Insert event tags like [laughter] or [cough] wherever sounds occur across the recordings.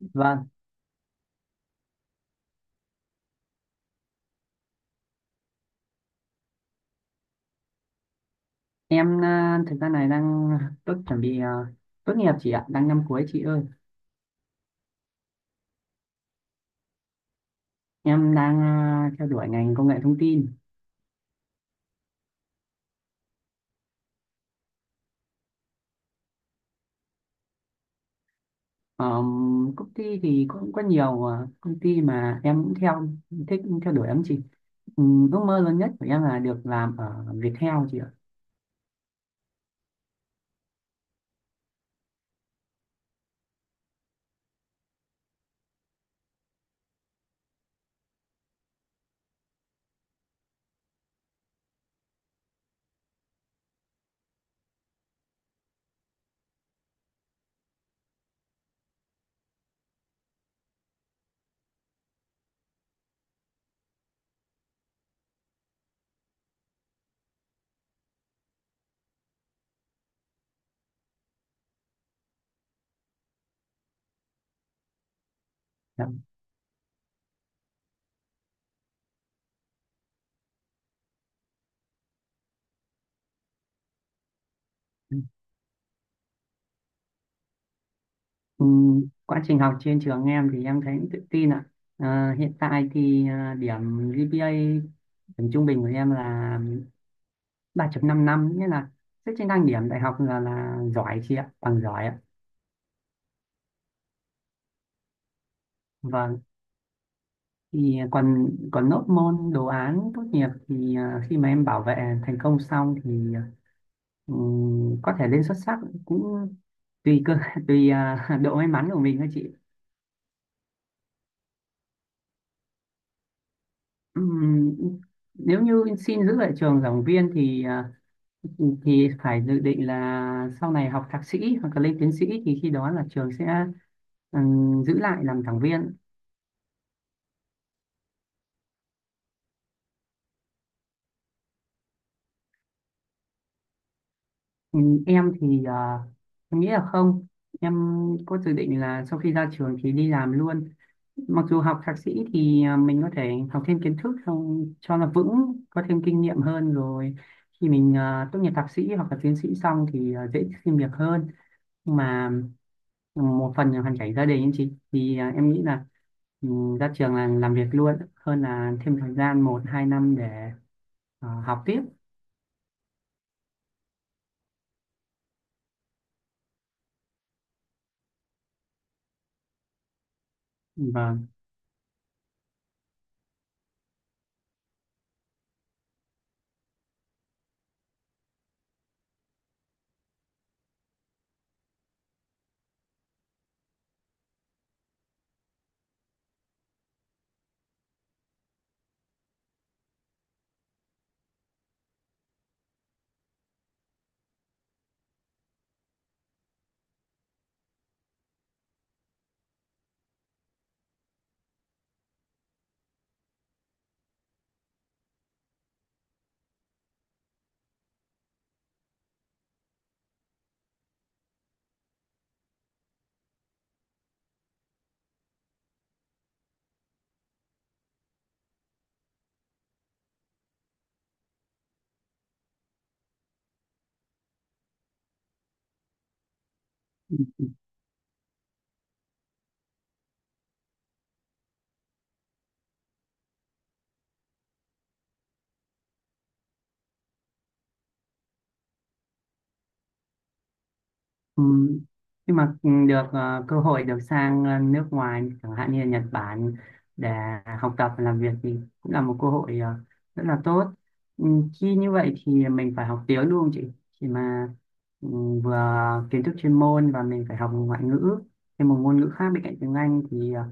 Vâng, em thực ra này đang tốt chuẩn bị à, tốt nghiệp chị ạ, đang năm cuối chị ơi. Em đang theo đuổi ngành công nghệ thông tin. Ờ, công ty thì cũng có nhiều công ty mà em cũng thích theo đuổi lắm chị. Ừ, ước mơ lớn nhất của em là được làm ở Viettel chị ạ. Dạ. Ừ, quá trình học trên trường em thì em thấy cũng tự tin ạ. Hiện tại thì điểm GPA, điểm trung bình của em là 3.55, nghĩa là xét trên thang điểm đại học là giỏi chị ạ, bằng giỏi ạ. Vâng, thì còn còn nốt môn đồ án tốt nghiệp thì khi mà em bảo vệ thành công xong thì có thể lên xuất sắc, cũng tùy cơ [laughs] tùy độ may mắn của mình thôi chị. Ừm, nếu như xin giữ lại trường giảng viên thì thì phải dự định là sau này học thạc sĩ hoặc là lên tiến sĩ, thì khi đó là trường sẽ giữ lại làm giảng viên. Ừ, em thì em nghĩ là không, em có dự định là sau khi ra trường thì đi làm luôn. Mặc dù học thạc sĩ thì mình có thể học thêm kiến thức xong cho nó vững, có thêm kinh nghiệm hơn, rồi khi mình tốt nghiệp thạc sĩ hoặc là tiến sĩ xong thì dễ xin việc hơn. Nhưng mà một phần là hoàn cảnh gia đình ấy chị, thì em nghĩ là ừ, ra trường là làm việc luôn hơn là thêm thời gian một hai năm để học tiếp. Vâng. Ừ. Nhưng mà được cơ hội được sang nước ngoài chẳng hạn như là Nhật Bản để học tập và làm việc thì cũng là một cơ hội rất là tốt. Ừ, Khi như vậy thì mình phải học tiếng đúng không chị? Khi mà ừ, vừa kiến thức chuyên môn và mình phải học một ngoại ngữ, thêm một ngôn ngữ khác bên cạnh tiếng Anh thì ờ,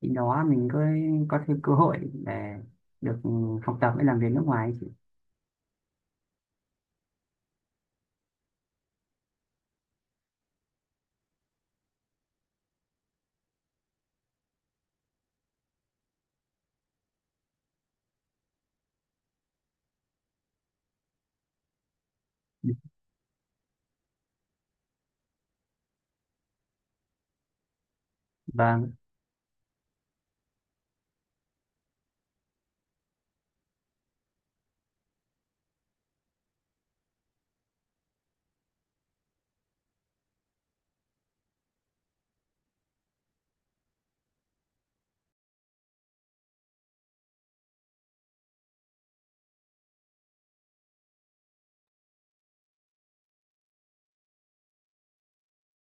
thì đó mình có thêm cơ hội để được học tập và làm việc nước ngoài ấy chị. Vâng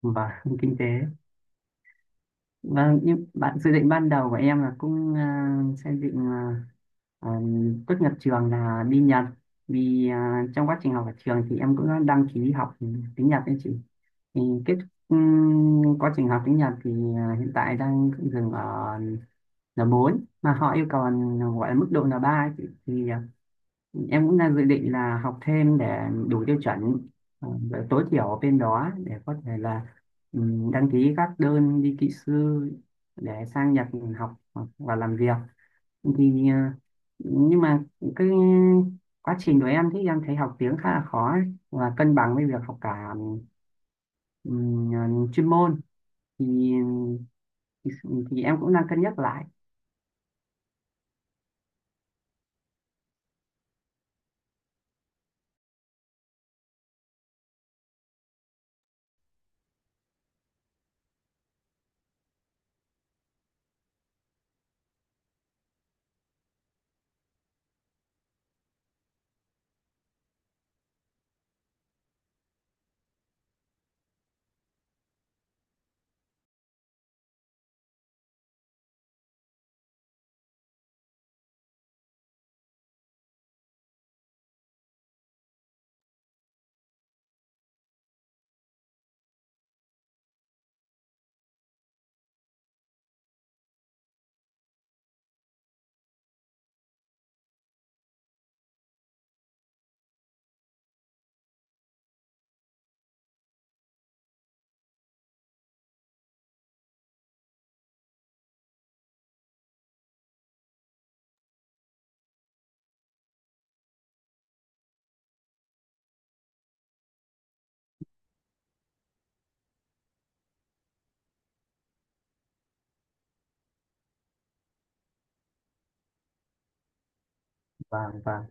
và [laughs] kinh tế. Vâng, nhưng bạn dự định ban đầu của em là cũng xây dựng à, tốt nghiệp trường là đi Nhật, vì trong quá trình học ở trường thì em cũng đã đăng ký học tiếng Nhật đấy chị. Thì kết quá trình học tiếng Nhật thì hiện tại đang dừng ở N4, mà họ yêu cầu là gọi là mức độ N3 ấy chị, thì em cũng đang dự định là học thêm để đủ tiêu chuẩn và tối thiểu ở bên đó để có thể là đăng ký các đơn đi kỹ sư để sang Nhật học hoặc- và làm việc. Thì nhưng mà cái quá trình của em thì em thấy học tiếng khá là khó ấy, và cân bằng với việc học cả ừm, chuyên môn thì thì, em cũng đang cân nhắc lại. Và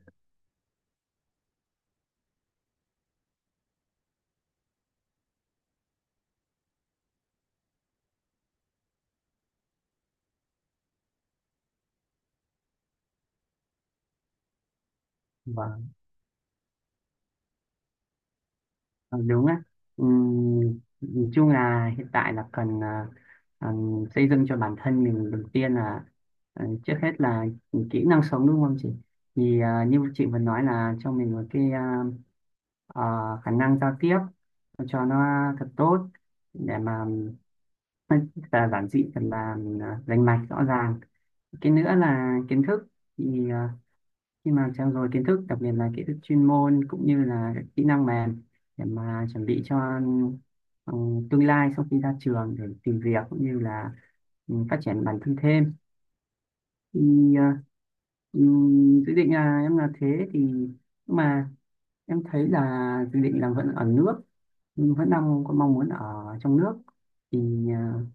và Ờ, đúng á. Ừm, nhìn chung là hiện tại là cần à, xây dựng cho bản thân mình, đầu tiên là trước hết là kỹ năng sống đúng không chị, thì như chị vừa nói là cho mình một cái ờ, khả năng giao tiếp cho nó thật tốt, để mà thật là giản dị, thật là rành mạch rõ ràng. Cái nữa là kiến thức, thì khi mà trau dồi kiến thức, đặc biệt là kiến thức chuyên môn cũng như là các kỹ năng mềm, để mà chuẩn bị cho ừ, tương lai sau khi ra trường để tìm việc cũng như là phát triển bản thân thêm. Thì ờ, ừ, dự định là em là thế, thì nhưng mà em thấy là dự định là vẫn ở nước, nhưng vẫn đang có mong muốn ở trong nước, thì ờ,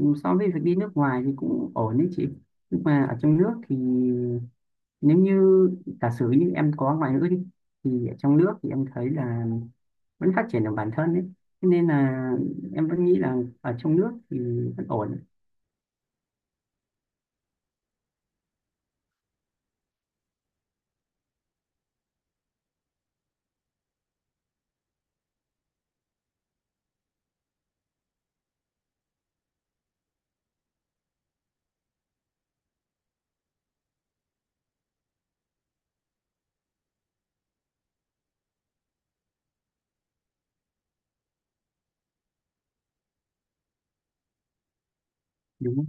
so với việc đi nước ngoài thì cũng ổn đấy chị, nhưng mà ở trong nước thì nếu như giả sử như em có ngoại ngữ đi thì ở trong nước thì em thấy là vẫn phát triển được bản thân đấy. Thế nên là em vẫn nghĩ là ở trong nước thì vẫn ổn. Đúng không?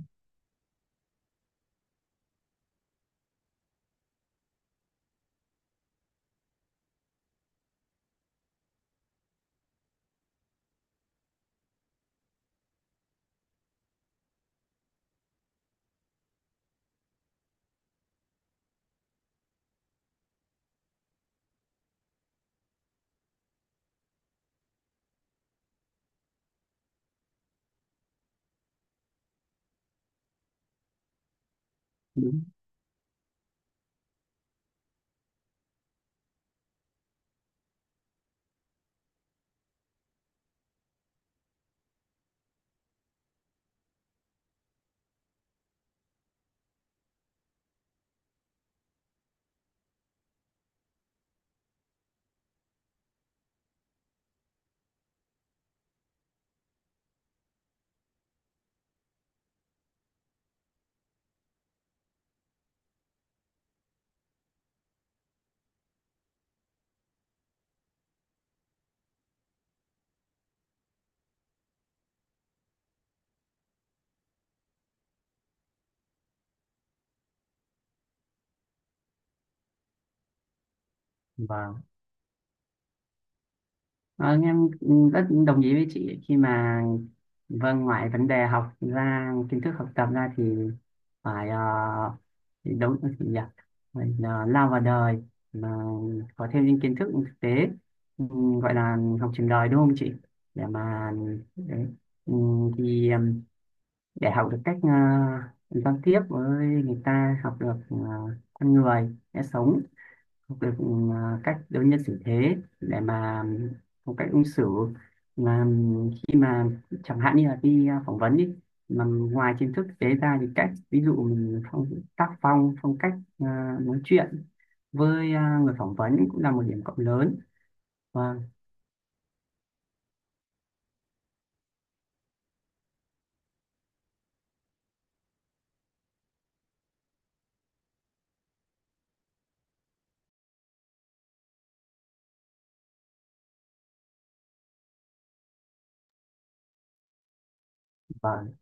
Đúng. Và vâng, em rất đồng ý với chị khi mà vâng, ngoài vấn đề học ra, kiến thức học tập ra thì phải thì đúng là gì nhỉ, mình lao vào đời mà có thêm những kiến thức thực tế, gọi là học trường đời đúng không chị, để mà đấy. Thì để học được cách giao tiếp với người ta, học được con người sẽ sống, học được cách đối nhân xử thế, để mà một cách ứng xử, mà khi mà chẳng hạn như là đi phỏng vấn đi, mà ngoài kiến thức tế ra thì cách ví dụ mình tác phong, phong cách nói chuyện với người phỏng vấn cũng là một điểm cộng lớn. Vâng, vâng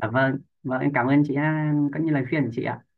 vâng, vâng, em cảm ơn chị có những lời khuyên của chị ạ.